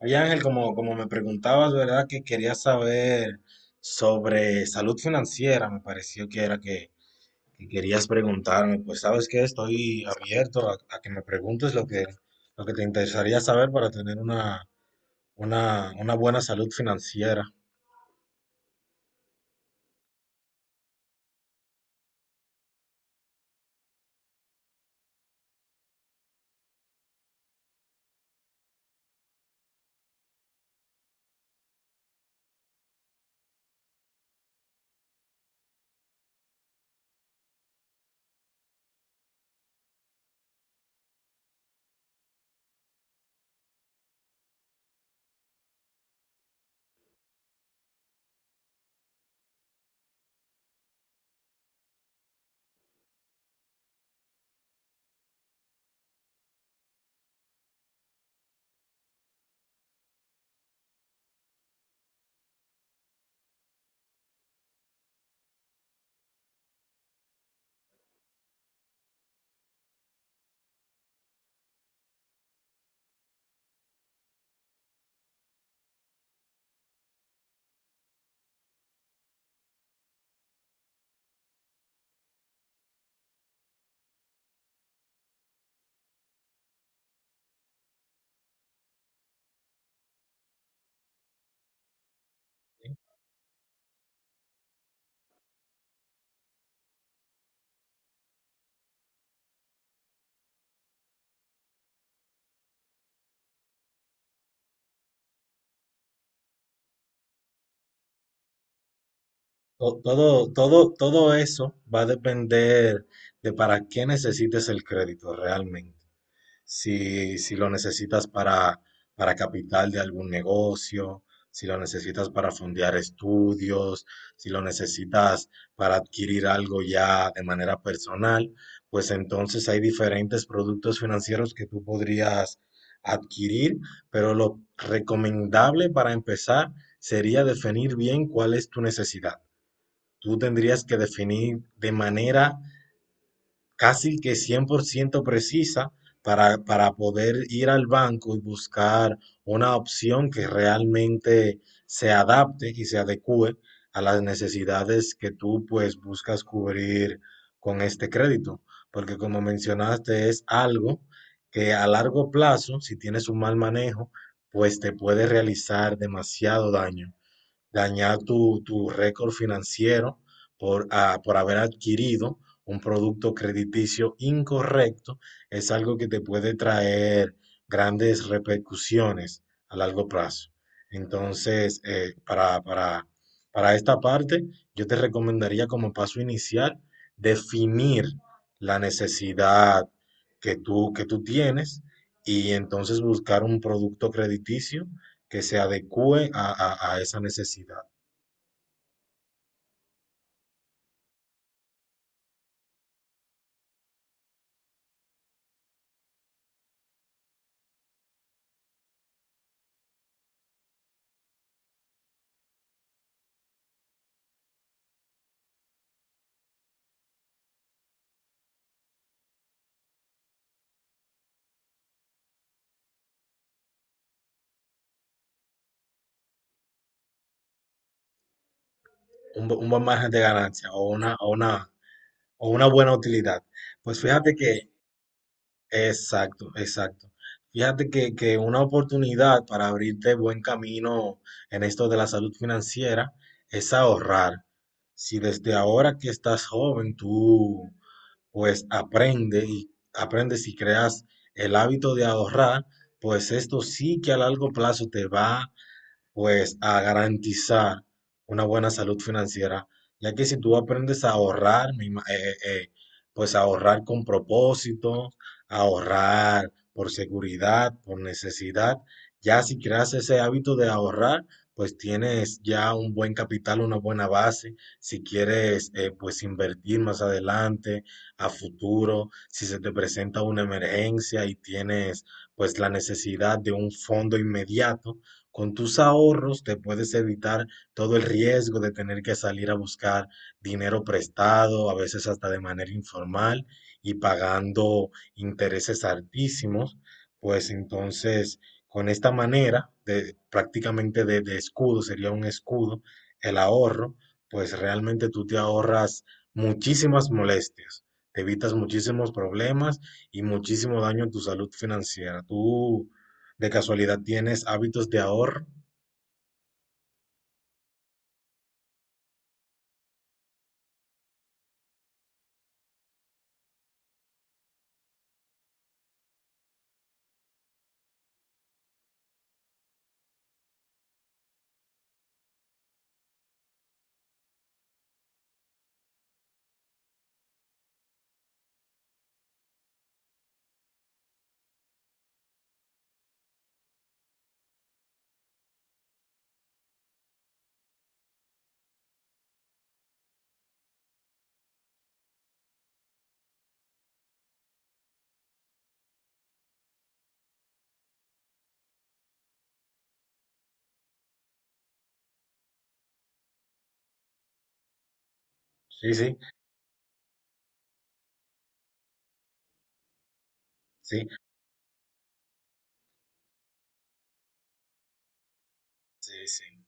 Oye Ángel, como me preguntabas, ¿verdad? Que querías saber sobre salud financiera, me pareció que era que querías preguntarme. Pues sabes que estoy abierto a que me preguntes lo que te interesaría saber para tener una buena salud financiera. Todo eso va a depender de para qué necesites el crédito realmente. Si lo necesitas para capital de algún negocio, si lo necesitas para fondear estudios, si lo necesitas para adquirir algo ya de manera personal, pues entonces hay diferentes productos financieros que tú podrías adquirir, pero lo recomendable para empezar sería definir bien cuál es tu necesidad. Tú tendrías que definir de manera casi que 100% precisa para poder ir al banco y buscar una opción que realmente se adapte y se adecue a las necesidades que tú pues buscas cubrir con este crédito. Porque como mencionaste, es algo que a largo plazo, si tienes un mal manejo, pues te puede realizar demasiado daño dañar tu récord financiero por haber adquirido un producto crediticio incorrecto, es algo que te puede traer grandes repercusiones a largo plazo. Entonces, para esta parte, yo te recomendaría como paso inicial definir la necesidad que tú tienes y entonces buscar un producto crediticio que se adecue a esa necesidad, un buen margen de ganancia o una buena utilidad. Pues fíjate que, exacto, exacto. Fíjate que una oportunidad para abrirte buen camino en esto de la salud financiera es ahorrar. Si desde ahora que estás joven, tú pues aprende y aprendes y creas el hábito de ahorrar, pues esto sí que a largo plazo te va pues a garantizar una buena salud financiera, ya que si tú aprendes a ahorrar, pues ahorrar con propósito, ahorrar por seguridad, por necesidad, ya si creas ese hábito de ahorrar, pues tienes ya un buen capital, una buena base, si quieres pues invertir más adelante, a futuro, si se te presenta una emergencia y tienes pues la necesidad de un fondo inmediato, con tus ahorros te puedes evitar todo el riesgo de tener que salir a buscar dinero prestado, a veces hasta de manera informal y pagando intereses altísimos. Pues entonces, con esta manera de prácticamente de escudo, sería un escudo, el ahorro, pues realmente tú te ahorras muchísimas molestias, te evitas muchísimos problemas y muchísimo daño en tu salud financiera. ¿Tú de casualidad, tienes hábitos de ahorro? Sí, sí, sí, sí, sí.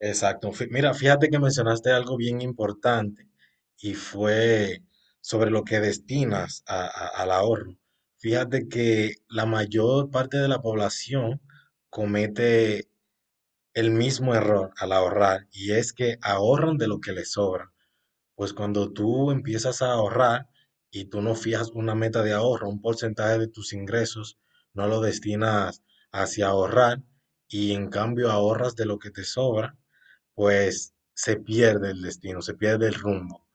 Exacto. Mira, fíjate que mencionaste algo bien importante y fue sobre lo que destinas al ahorro. Fíjate que la mayor parte de la población comete el mismo error al ahorrar y es que ahorran de lo que les sobra. Pues cuando tú empiezas a ahorrar y tú no fijas una meta de ahorro, un porcentaje de tus ingresos, no lo destinas hacia ahorrar y en cambio ahorras de lo que te sobra, pues se pierde el destino, se pierde el rumbo,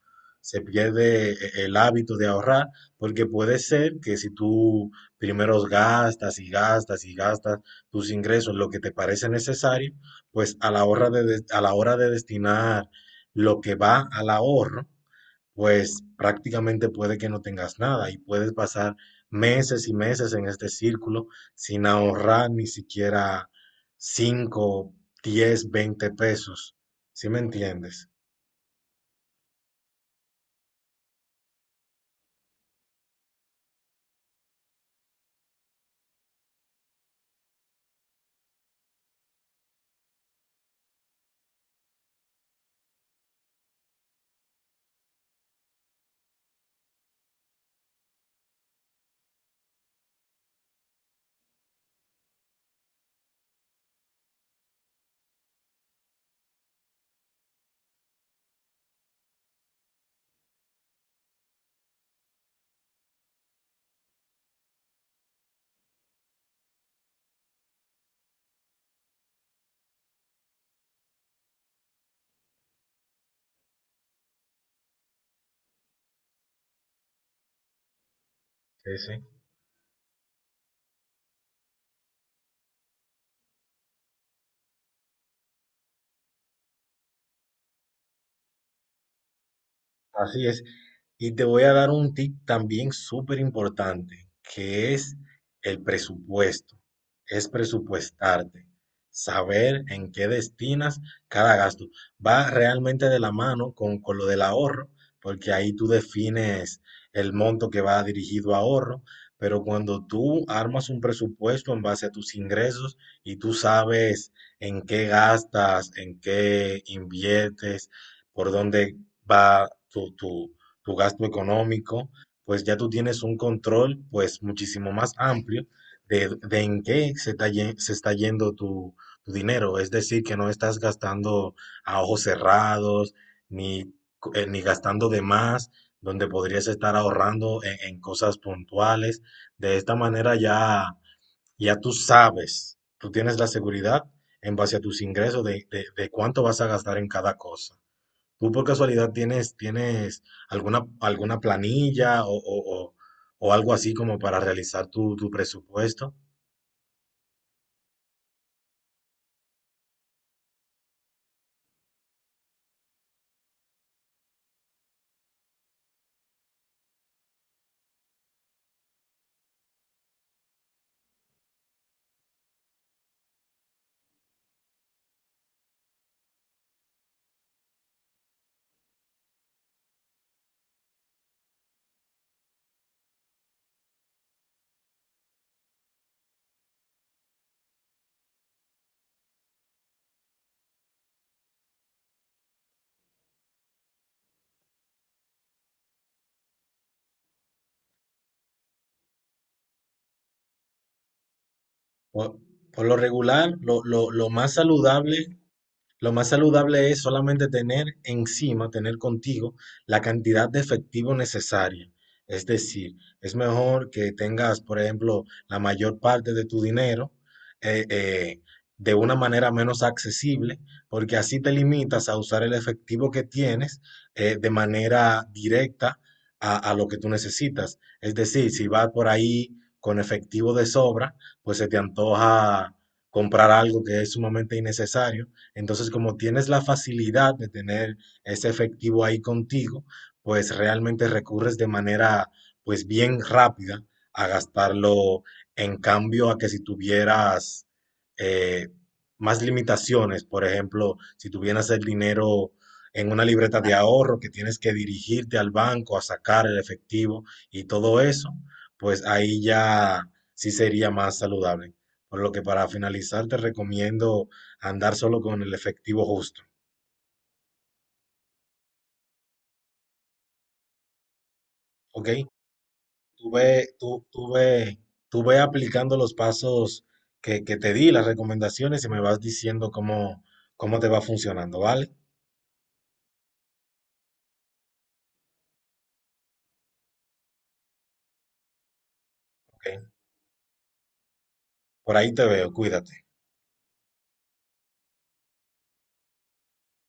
se pierde el hábito de ahorrar, porque puede ser que si tú primero gastas y gastas y gastas tus ingresos, lo que te parece necesario, pues a la hora de, des- a la hora de destinar lo que va al ahorro, pues prácticamente puede que no tengas nada y puedes pasar meses y meses en este círculo sin ahorrar ni siquiera 5, 10, 20 pesos. ¿Sí me entiendes? Sí, sí. Así es. Y te voy a dar un tip también súper importante, que es el presupuesto. Es presupuestarte, saber en qué destinas cada gasto. Va realmente de la mano con lo del ahorro, porque ahí tú defines el monto que va dirigido a ahorro, pero cuando tú armas un presupuesto en base a tus ingresos y tú sabes en qué gastas, en qué inviertes, por dónde va tu gasto económico, pues ya tú tienes un control pues muchísimo más amplio de en qué se está yendo tu dinero. Es decir, que no estás gastando a ojos cerrados, ni, ni gastando de más, donde podrías estar ahorrando en cosas puntuales. De esta manera ya, ya tú sabes, tú tienes la seguridad en base a tus ingresos de cuánto vas a gastar en cada cosa. ¿Tú por casualidad tienes alguna planilla o algo así como para realizar tu presupuesto? Por, por lo regular, Lo más saludable es solamente tener encima, tener contigo la cantidad de efectivo necesaria. Es decir, es mejor que tengas, por ejemplo, la mayor parte de tu dinero eh, eh, de una manera menos accesible, porque así te limitas a usar el efectivo que tienes de manera directa a lo que tú necesitas. Es decir, si vas por ahí con efectivo de sobra, pues se te antoja comprar algo que es sumamente innecesario. Entonces, como tienes la facilidad de tener ese efectivo ahí contigo, pues realmente recurres de manera, pues bien rápida a gastarlo en cambio a que si tuvieras eh, más limitaciones, por ejemplo, si tuvieras el dinero en una libreta de ahorro que tienes que dirigirte al banco a sacar el efectivo y todo eso, pues ahí ya sí sería más saludable. Por lo que para finalizar te recomiendo andar solo con el efectivo justo, ¿ok? Tú ve, tú, tú ve, tú ve aplicando los pasos que te di, las recomendaciones y me vas diciendo cómo te va funcionando, ¿vale? Ok, por ahí te veo, cuídate.